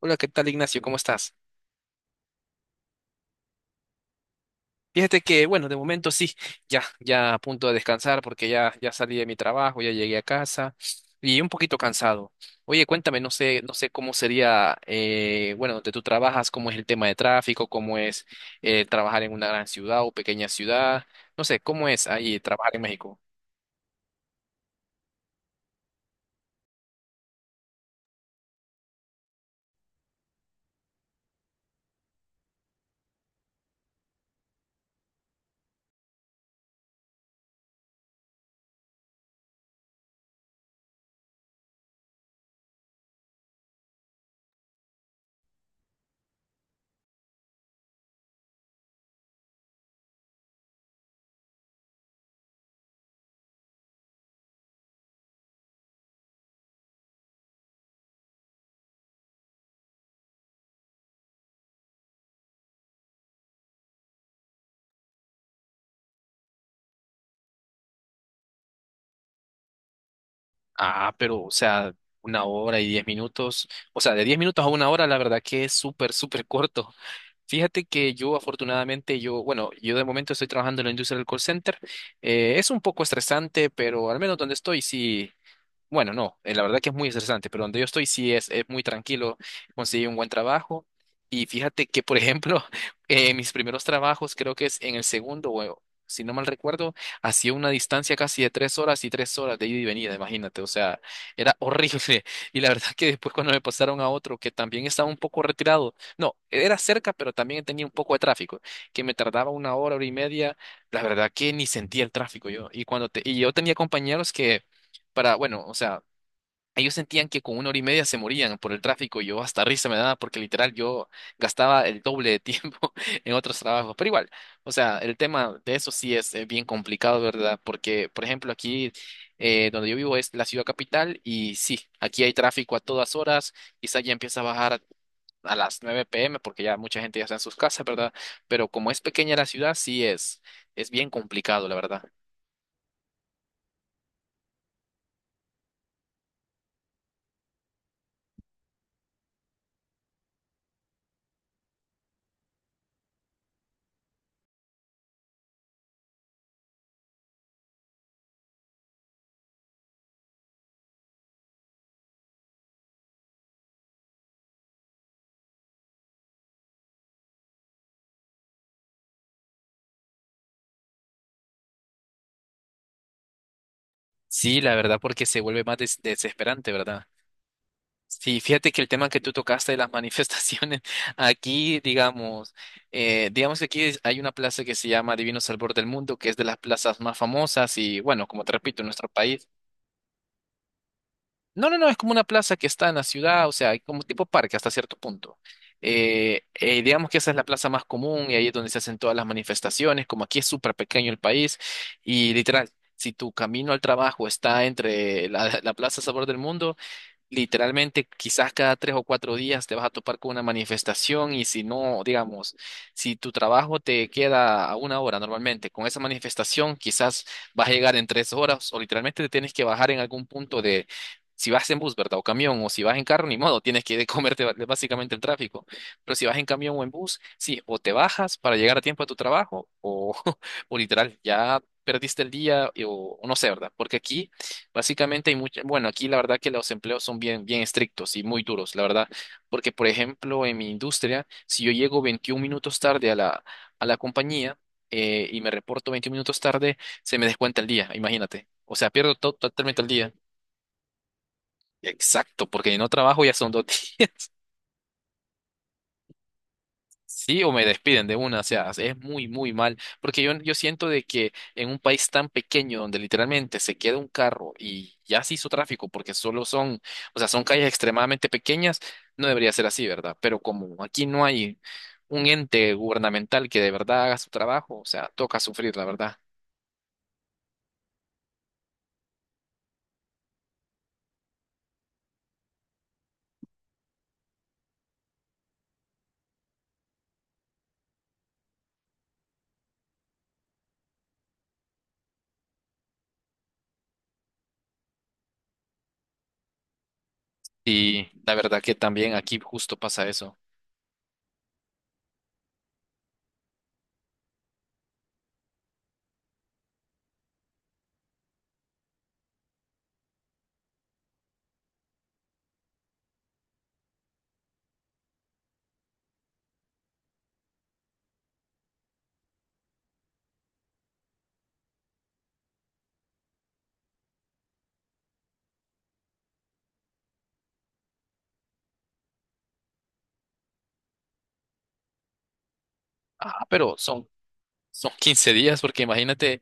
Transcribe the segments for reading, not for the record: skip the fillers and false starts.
Hola, ¿qué tal, Ignacio? ¿Cómo estás? Fíjate que, bueno, de momento sí, ya a punto de descansar porque ya salí de mi trabajo, ya llegué a casa y un poquito cansado. Oye, cuéntame, no sé cómo sería, bueno, donde tú trabajas, cómo es el tema de tráfico, cómo es trabajar en una gran ciudad o pequeña ciudad, no sé, cómo es ahí trabajar en México. Ah, pero, o sea, una hora y 10 minutos, o sea, de 10 minutos a una hora, la verdad que es súper, súper corto. Fíjate que yo afortunadamente, yo, bueno, yo de momento estoy trabajando en la industria del call center. Es un poco estresante, pero al menos donde estoy sí, bueno, no, la verdad que es muy estresante, pero donde yo estoy sí es muy tranquilo, conseguí un buen trabajo y fíjate que, por ejemplo, mis primeros trabajos, creo que es en el segundo, o si no mal recuerdo, hacía una distancia casi de 3 horas y 3 horas de ida y venida, imagínate, o sea, era horrible. Y la verdad que después cuando me pasaron a otro que también estaba un poco retirado, no, era cerca, pero también tenía un poco de tráfico, que me tardaba una hora, hora y media, la verdad que ni sentía el tráfico yo. Y, y yo tenía compañeros que para, bueno, o sea, ellos sentían que con una hora y media se morían por el tráfico y yo hasta risa me daba porque literal yo gastaba el doble de tiempo en otros trabajos. Pero igual, o sea, el tema de eso sí es bien complicado, ¿verdad? Porque, por ejemplo, aquí donde yo vivo es la ciudad capital y sí, aquí hay tráfico a todas horas, quizá ya empieza a bajar a las 9 p.m. porque ya mucha gente ya está en sus casas, ¿verdad? Pero como es pequeña la ciudad, sí es bien complicado, la verdad. Sí, la verdad, porque se vuelve más desesperante, ¿verdad? Sí, fíjate que el tema que tú tocaste de las manifestaciones, aquí, digamos, digamos que hay una plaza que se llama Divino Salvador del Mundo, que es de las plazas más famosas y, bueno, como te repito, en nuestro país. No, no, no, es como una plaza que está en la ciudad, o sea, hay como tipo parque hasta cierto punto. Digamos que esa es la plaza más común y ahí es donde se hacen todas las manifestaciones, como aquí es súper pequeño el país y literal. Si tu camino al trabajo está entre la, la Plaza Sabor del Mundo. Literalmente, quizás cada 3 o 4 días te vas a topar con una manifestación y si no, digamos, si tu trabajo te queda a una hora normalmente, con esa manifestación quizás vas a llegar en 3 horas o literalmente te tienes que bajar en algún punto de, si vas en bus, ¿verdad? O camión, o si vas en carro, ni modo, tienes que comerte básicamente el tráfico. Pero si vas en camión o en bus, sí, o te bajas para llegar a tiempo a tu trabajo o, o literal, ya perdiste el día o no sé, ¿verdad? Porque aquí... Básicamente hay mucha, bueno, aquí la verdad que los empleos son bien, bien estrictos y muy duros, la verdad, porque por ejemplo en mi industria, si yo llego 21 minutos tarde a la compañía y me reporto 21 minutos tarde, se me descuenta el día, imagínate. O sea, pierdo totalmente el día. Exacto, porque no trabajo ya son dos días. Sí, o me despiden de una, o sea, es muy, muy mal, porque yo siento de que en un país tan pequeño donde literalmente se queda un carro y ya se hizo tráfico porque solo son, o sea, son calles extremadamente pequeñas, no debería ser así, ¿verdad? Pero como aquí no hay un ente gubernamental que de verdad haga su trabajo, o sea, toca sufrir, la verdad. Y la verdad que también aquí justo pasa eso. Ah, pero son 15 días, porque imagínate,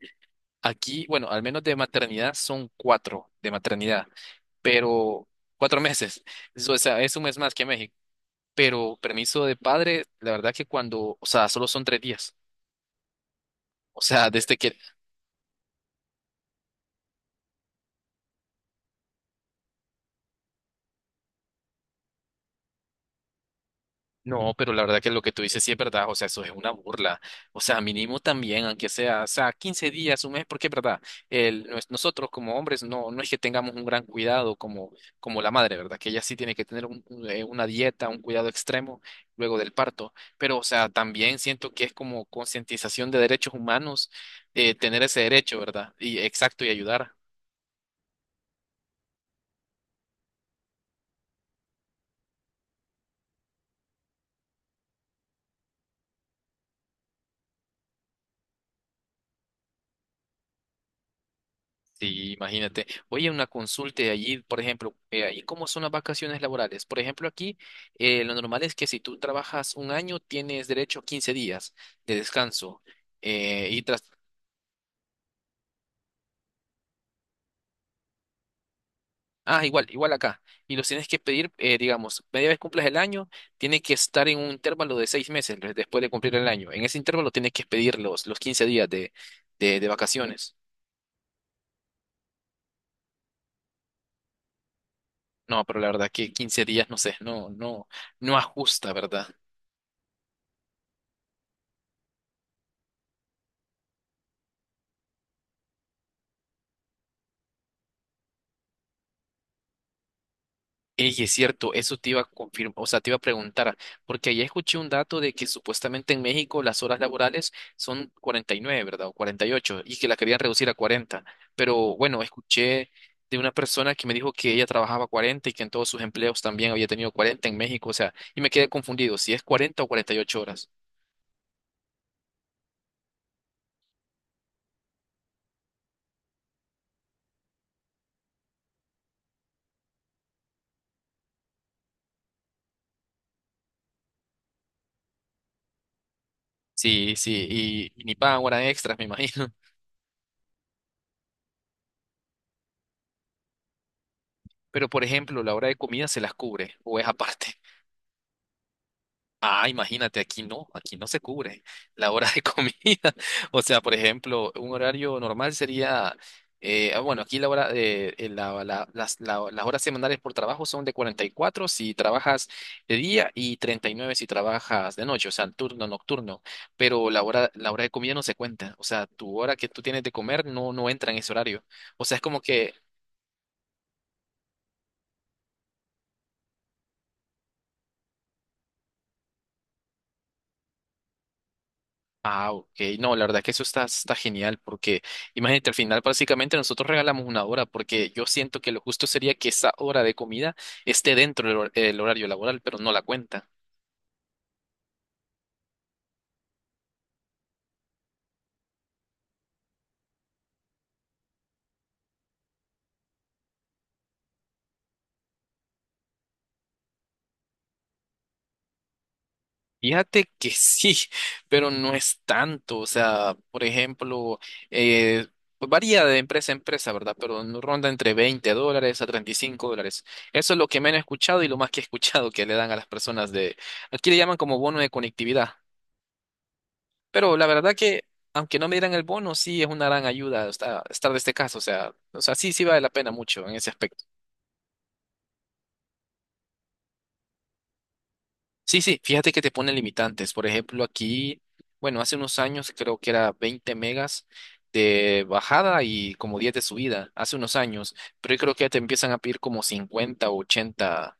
aquí, bueno, al menos de maternidad son cuatro de maternidad, pero cuatro meses, eso, o sea, es un mes más que México, pero permiso de padre, la verdad que cuando, o sea, solo son 3 días, o sea, desde que... No, pero la verdad que lo que tú dices sí es verdad, o sea, eso es una burla. O sea, mínimo también, aunque sea, o sea, 15 días, un mes, porque es verdad, el, nosotros como hombres no, no es que tengamos un gran cuidado como, como la madre, ¿verdad? Que ella sí tiene que tener una dieta, un cuidado extremo luego del parto. Pero, o sea, también siento que es como concientización de derechos humanos, tener ese derecho, ¿verdad? Y exacto, y ayudar. Sí, imagínate. Oye, una consulta y allí, por ejemplo, ahí cómo son las vacaciones laborales. Por ejemplo, aquí lo normal es que si tú trabajas un año, tienes derecho a 15 días de descanso. Y tras... Ah, igual, igual acá. Y los tienes que pedir, digamos, media vez cumplas el año, tiene que estar en un intervalo de 6 meses después de cumplir el año. En ese intervalo tienes que pedir los, 15 días de vacaciones. No, pero la verdad que 15 días, no sé, no, no, no ajusta, ¿verdad? Ey, es cierto, eso te iba a confirmar, o sea, te iba a preguntar, porque ayer escuché un dato de que supuestamente en México las horas laborales son 49, ¿verdad? O 48, y ocho, y que la querían reducir a 40. Pero bueno, escuché de una persona que me dijo que ella trabajaba 40 y que en todos sus empleos también había tenido 40 en México, o sea, y me quedé confundido, si es 40 o 48 horas. Sí, sí, y ni pagan horas extras, me imagino. Pero por ejemplo, la hora de comida se las cubre, o es aparte. Ah, imagínate, aquí no se cubre la hora de comida. O sea, por ejemplo, un horario normal sería, bueno, aquí la hora, de la- la- las horas semanales por trabajo son de 44 si trabajas de día y 39 si trabajas de noche, o sea, turno nocturno. Pero la hora de comida no se cuenta, o sea, tu hora que tú tienes de comer no, no entra en ese horario. O sea, es como que... Ah, ok. No, la verdad que eso está, está genial porque imagínate, al final básicamente nosotros regalamos una hora porque yo siento que lo justo sería que esa hora de comida esté dentro del el horario laboral, pero no la cuenta. Fíjate que sí, pero no es tanto. O sea, por ejemplo, eh, pues varía de empresa a empresa, ¿verdad? Pero no ronda entre $20 a $35. Eso es lo que menos he escuchado y lo más que he escuchado que le dan a las personas de... Aquí le llaman como bono de conectividad. Pero la verdad que, aunque no me dieran el bono, sí es una gran ayuda estar de este caso. O sea, sí, sí vale la pena mucho en ese aspecto. Sí, sí, fíjate que te ponen limitantes. Por ejemplo, aquí, bueno, hace unos años creo que era 20 megas de bajada y como 10 de subida, hace unos años. Pero yo creo que ya te empiezan a pedir como 50 o 80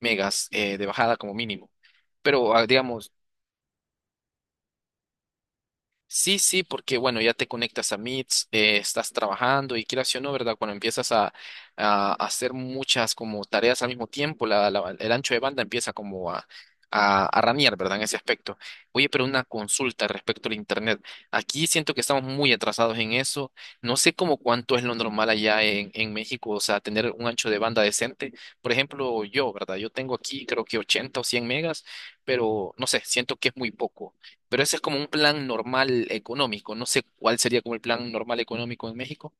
megas de bajada como mínimo. Pero ah, digamos... Sí, sí, porque bueno, ya te conectas a Meets, estás trabajando y quieras sí o no, ¿verdad? Cuando empiezas a hacer muchas como tareas al mismo tiempo, el ancho de banda empieza como a ranear, ¿verdad? En ese aspecto. Oye, pero una consulta respecto al Internet. Aquí siento que estamos muy atrasados en eso. No sé cómo cuánto es lo normal allá en México, o sea, tener un ancho de banda decente. Por ejemplo, yo, ¿verdad? Yo tengo aquí creo que 80 o 100 megas, pero no sé, siento que es muy poco. Pero ese es como un plan normal económico. No sé cuál sería como el plan normal económico en México.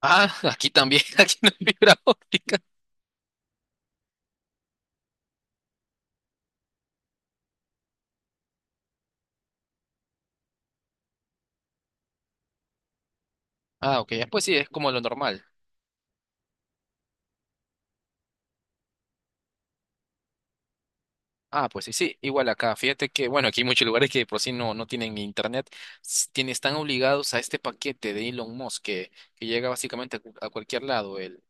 Ah, aquí también, aquí no hay fibra óptica. Ah, ok, pues sí, es como lo normal. Ah, pues sí, sí, igual acá. Fíjate que, bueno, aquí hay muchos lugares que por sí no, no tienen internet. Están obligados a este paquete de Elon Musk que llega básicamente a cualquier lado, el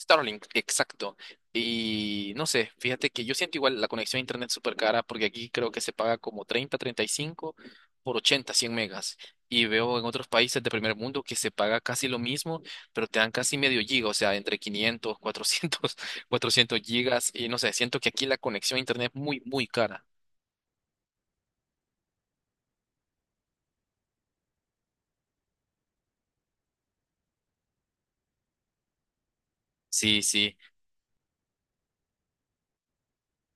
Starlink, exacto. Y no sé, fíjate que yo siento igual la conexión a internet súper cara porque aquí creo que se paga como 30, 35 por 80, 100 megas. Y veo en otros países de primer mundo que se paga casi lo mismo, pero te dan casi medio giga, o sea, entre 500, 400 400 gigas y no sé, siento que aquí la conexión a internet es muy, muy cara. Sí, sí,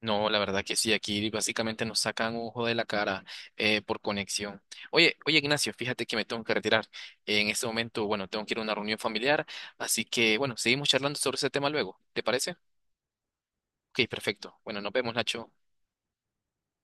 no, la verdad que sí, aquí básicamente nos sacan ojo de la cara por conexión. Oye, oye Ignacio, fíjate que me tengo que retirar. En este momento, bueno, tengo que ir a una reunión familiar, así que bueno, seguimos charlando sobre ese tema luego, ¿te parece? Ok, perfecto. Bueno, nos vemos, Nacho.